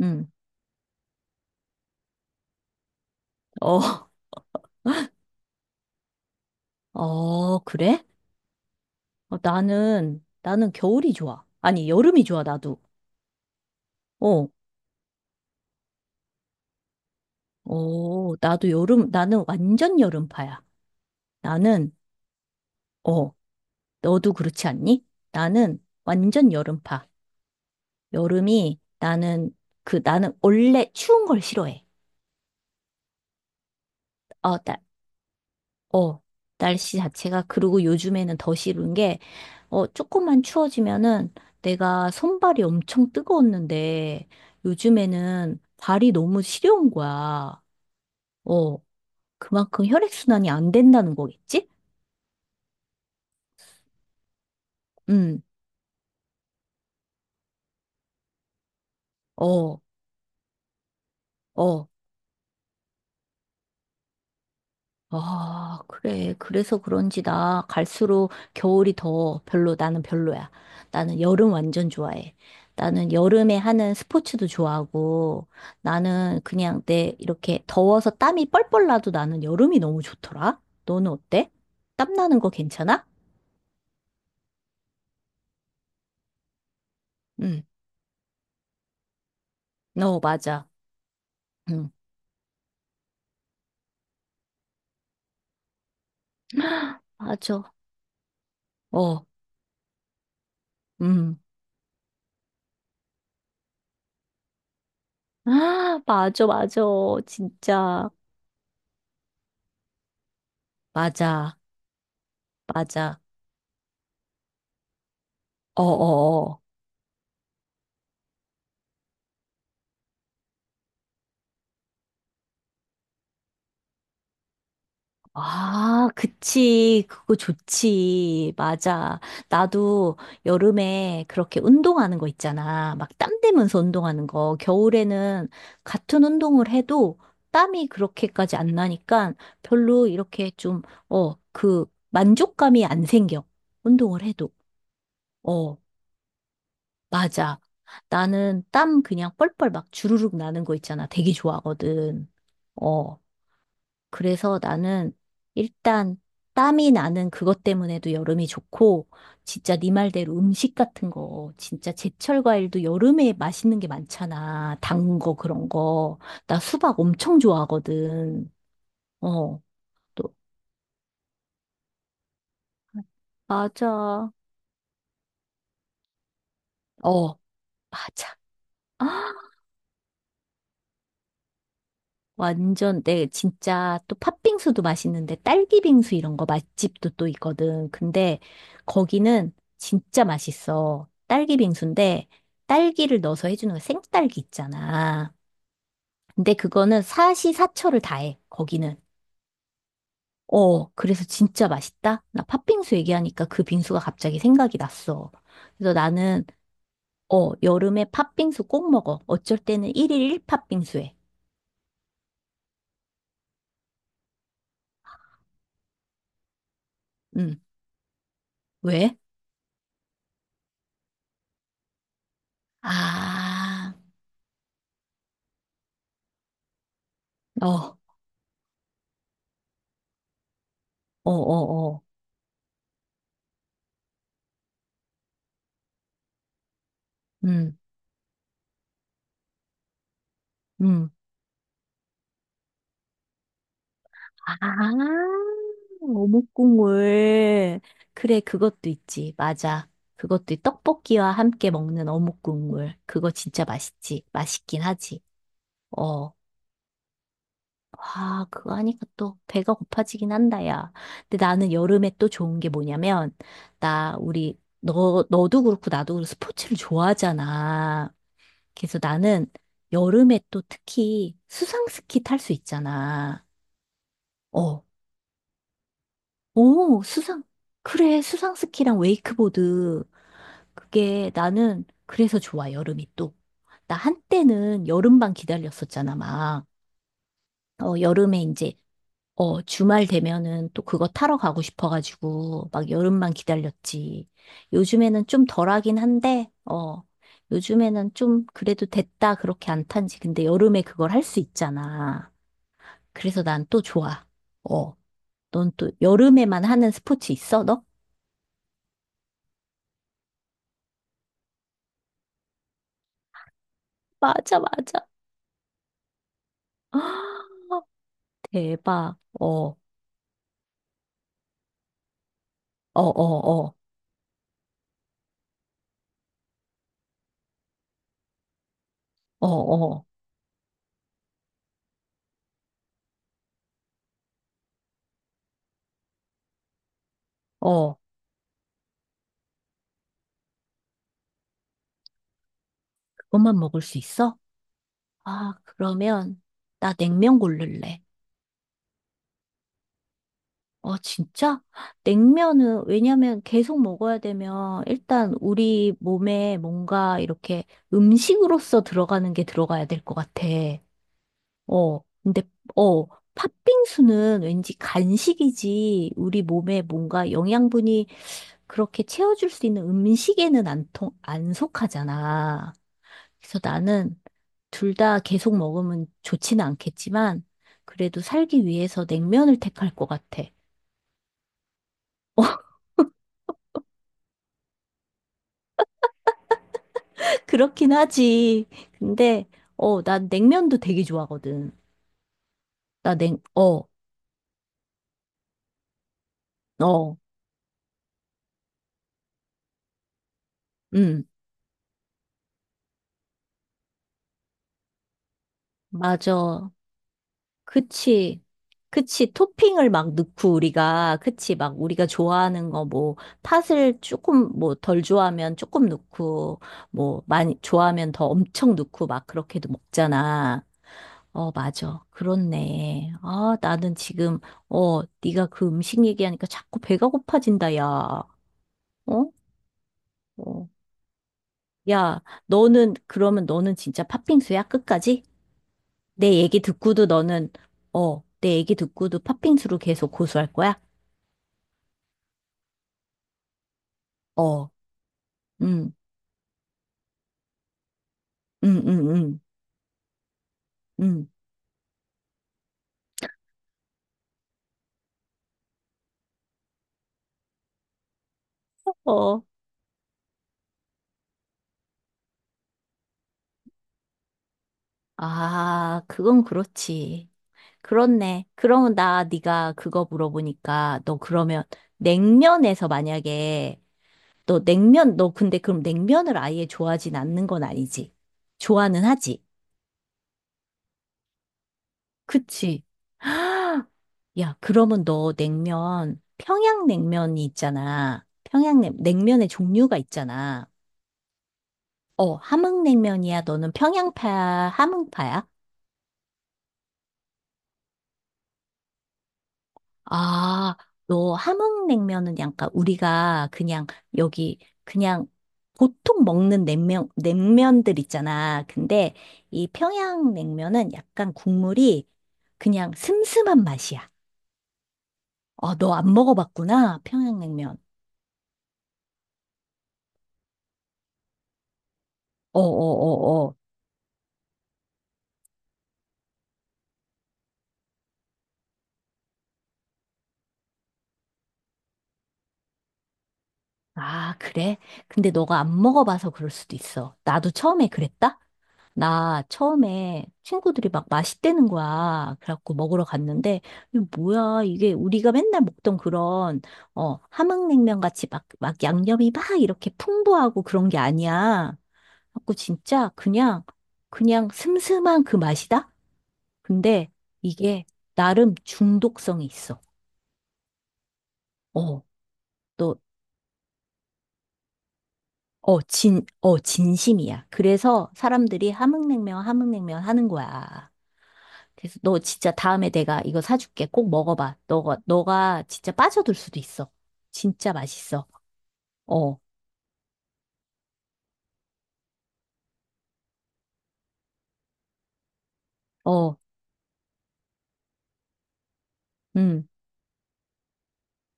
음. 어, 어, 그래? 어, 나는 겨울이 좋아. 아니, 여름이 좋아, 나도. 어, 어, 나는 완전 여름파야. 나는, 어, 너도 그렇지 않니? 나는 완전 여름파. 여름이, 나는, 나는 원래 추운 걸 싫어해. 어, 나, 어, 날씨 자체가, 그리고 요즘에는 더 싫은 게, 조금만 추워지면은 내가 손발이 엄청 뜨거웠는데, 요즘에는 발이 너무 시려운 거야. 어, 그만큼 혈액순환이 안 된다는 거겠지? 응, 어, 어. 아, 그래. 그래서 그런지 나 갈수록 겨울이 더 별로, 나는 별로야. 나는 여름 완전 좋아해. 나는 여름에 하는 스포츠도 좋아하고, 나는 그냥 내 이렇게 더워서 땀이 뻘뻘 나도 나는 여름이 너무 좋더라. 너는 어때? 땀 나는 거 괜찮아? 응. 어, 맞아. 응. 맞아. 어, 음. 아, 맞아, 맞아. 진짜. 맞아. 맞아. 어어어. 아, 그치. 그거 좋지. 맞아. 나도 여름에 그렇게 운동하는 거 있잖아. 막 땀 대면서 운동하는 거. 겨울에는 같은 운동을 해도 땀이 그렇게까지 안 나니까 별로 이렇게 좀, 어, 그 만족감이 안 생겨. 운동을 해도. 어, 맞아. 나는 땀 그냥 뻘뻘 막 주르륵 나는 거 있잖아. 되게 좋아하거든. 어. 그래서 나는 일단 땀이 나는 그것 때문에도 여름이 좋고, 진짜 네 말대로 음식 같은 거, 진짜 제철 과일도 여름에 맛있는 게 많잖아. 단 거, 그런 거. 나 수박 엄청 좋아하거든. 어, 또, 맞아. 어, 맞아. 완전 내 진짜 또 팥빙수도 맛있는데 딸기 빙수 이런 거 맛집도 또 있거든. 근데 거기는 진짜 맛있어. 딸기 빙수인데 딸기를 넣어서 해주는 거 생딸기 있잖아. 근데 그거는 사시사철을 다해. 거기는. 그래서 진짜 맛있다. 나 팥빙수 얘기하니까 그 빙수가 갑자기 생각이 났어. 그래서 나는 여름에 팥빙수 꼭 먹어. 어쩔 때는 1일 1 팥빙수 해. 응. 왜? 아, 어. 어어어. 음, 음. 아, 어묵국물. 그래, 그것도 있지. 맞아. 그것도 있- 떡볶이와 함께 먹는 어묵국물. 그거 진짜 맛있지. 맛있긴 하지. 어. 와, 그거 하니까 또 배가 고파지긴 한다, 야. 근데 나는 여름에 또 좋은 게 뭐냐면, 너도 그렇고 나도 그렇고 스포츠를 좋아하잖아. 그래서 나는 여름에 또 특히 수상스키 탈 수 있잖아. 어. 오, 수상. 그래, 수상 스키랑 웨이크보드. 그게 나는 그래서 좋아, 여름이 또. 나 한때는 여름만 기다렸었잖아, 막. 어, 여름에 이제, 주말 되면은 또 그거 타러 가고 싶어가지고, 막 여름만 기다렸지. 요즘에는 좀 덜하긴 한데, 요즘에는 좀 그래도 됐다, 그렇게 안 탄지. 근데 여름에 그걸 할 수 있잖아. 그래서 난 또 좋아. 어, 넌 또 여름에만 하는 스포츠 있어, 너? 맞아, 맞아. 아, 대박. 어, 어, 어, 어, 어, 어, 어. 그것만 먹을 수 있어? 아, 그러면 나 냉면 고를래. 어, 진짜? 냉면은 왜냐면 계속 먹어야 되면 일단 우리 몸에 뭔가 이렇게 음식으로서 들어가는 게 들어가야 될 것 같아. 근데, 어, 팥빙수는 왠지 간식이지, 우리 몸에 뭔가 영양분이 그렇게 채워줄 수 있는 음식에는 안 속하잖아. 그래서 나는 둘 다 계속 먹으면 좋지는 않겠지만, 그래도 살기 위해서 냉면을 택할 것 같아. 그렇긴 하지. 근데, 난 냉면도 되게 좋아하거든. 나 냉, 어, 어, 음, 맞아. 그치. 그치. 토핑을 막 넣고 우리가, 그치. 막 우리가 좋아하는 거 뭐, 팥을 조금 뭐 덜 좋아하면 조금 넣고, 뭐 많이 좋아하면 더 엄청 넣고 막 그렇게도 먹잖아. 어, 맞아. 그렇네. 아, 나는 지금, 네가 그 음식 얘기하니까 자꾸 배가 고파진다, 야. 어? 어. 야, 그러면 너는 진짜 팥빙수야? 끝까지? 내 얘기 듣고도 너는, 내 얘기 듣고도 팥빙수로 계속 고수할 거야? 어, 음, 음, 음, 음, 음. 어, 아, 그건 그렇지. 그렇네. 그러면 나 네가 그거 물어보니까 너 그러면 냉면에서 만약에 너 냉면 너 근데 그럼 냉면을 아예 좋아하진 않는 건 아니지? 좋아는 하지. 그치? 야, 그러면 너 냉면 평양냉면이 있잖아. 평양냉 냉면의 종류가 있잖아. 함흥냉면이야. 너는 평양파야, 함흥파야? 아, 너 함흥냉면은 약간 우리가 그냥 여기 그냥 보통 먹는 냉면, 냉면들 있잖아. 근데 이 평양냉면은 약간 국물이 그냥 슴슴한 맛이야. 너 안 먹어봤구나. 평양냉면. 어, 어, 어, 어. 아, 그래? 근데 너가 안 먹어봐서 그럴 수도 있어. 나도 처음에 그랬다? 나 처음에 친구들이 막 맛있대는 거야. 그래갖고 먹으러 갔는데, 이게 뭐야, 이게 우리가 맨날 먹던 그런, 함흥냉면 같이 막 양념이 막 이렇게 풍부하고 그런 게 아니야. 그래갖고 진짜 그냥, 그냥 슴슴한 그 맛이다? 근데 이게 나름 중독성이 있어. 어, 또, 어, 진, 어, 진심이야. 그래서 사람들이 함흥냉면, 함흥냉면 하는 거야. 그래서 너 진짜 다음에 내가 이거 사줄게. 꼭 먹어봐. 너가 진짜 빠져들 수도 있어. 진짜 맛있어. 어, 어, 음,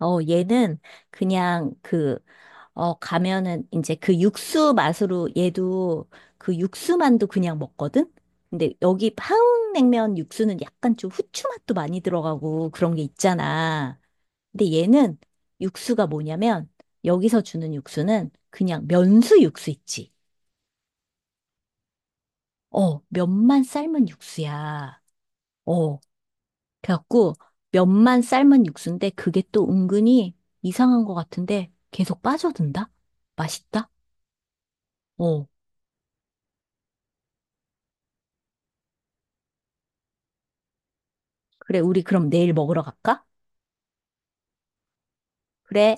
어, 얘는 그냥 그, 가면은 이제 그 육수 맛으로 얘도 그 육수만도 그냥 먹거든? 근데 여기 한국냉면 육수는 약간 좀 후추 맛도 많이 들어가고 그런 게 있잖아. 근데 얘는 육수가 뭐냐면 여기서 주는 육수는 그냥 면수 육수 있지. 면만 삶은 육수야. 어, 그래갖고 면만 삶은 육수인데 그게 또 은근히 이상한 것 같은데 계속 빠져든다? 맛있다? 어, 그래, 우리 그럼 내일 먹으러 갈까? 그래.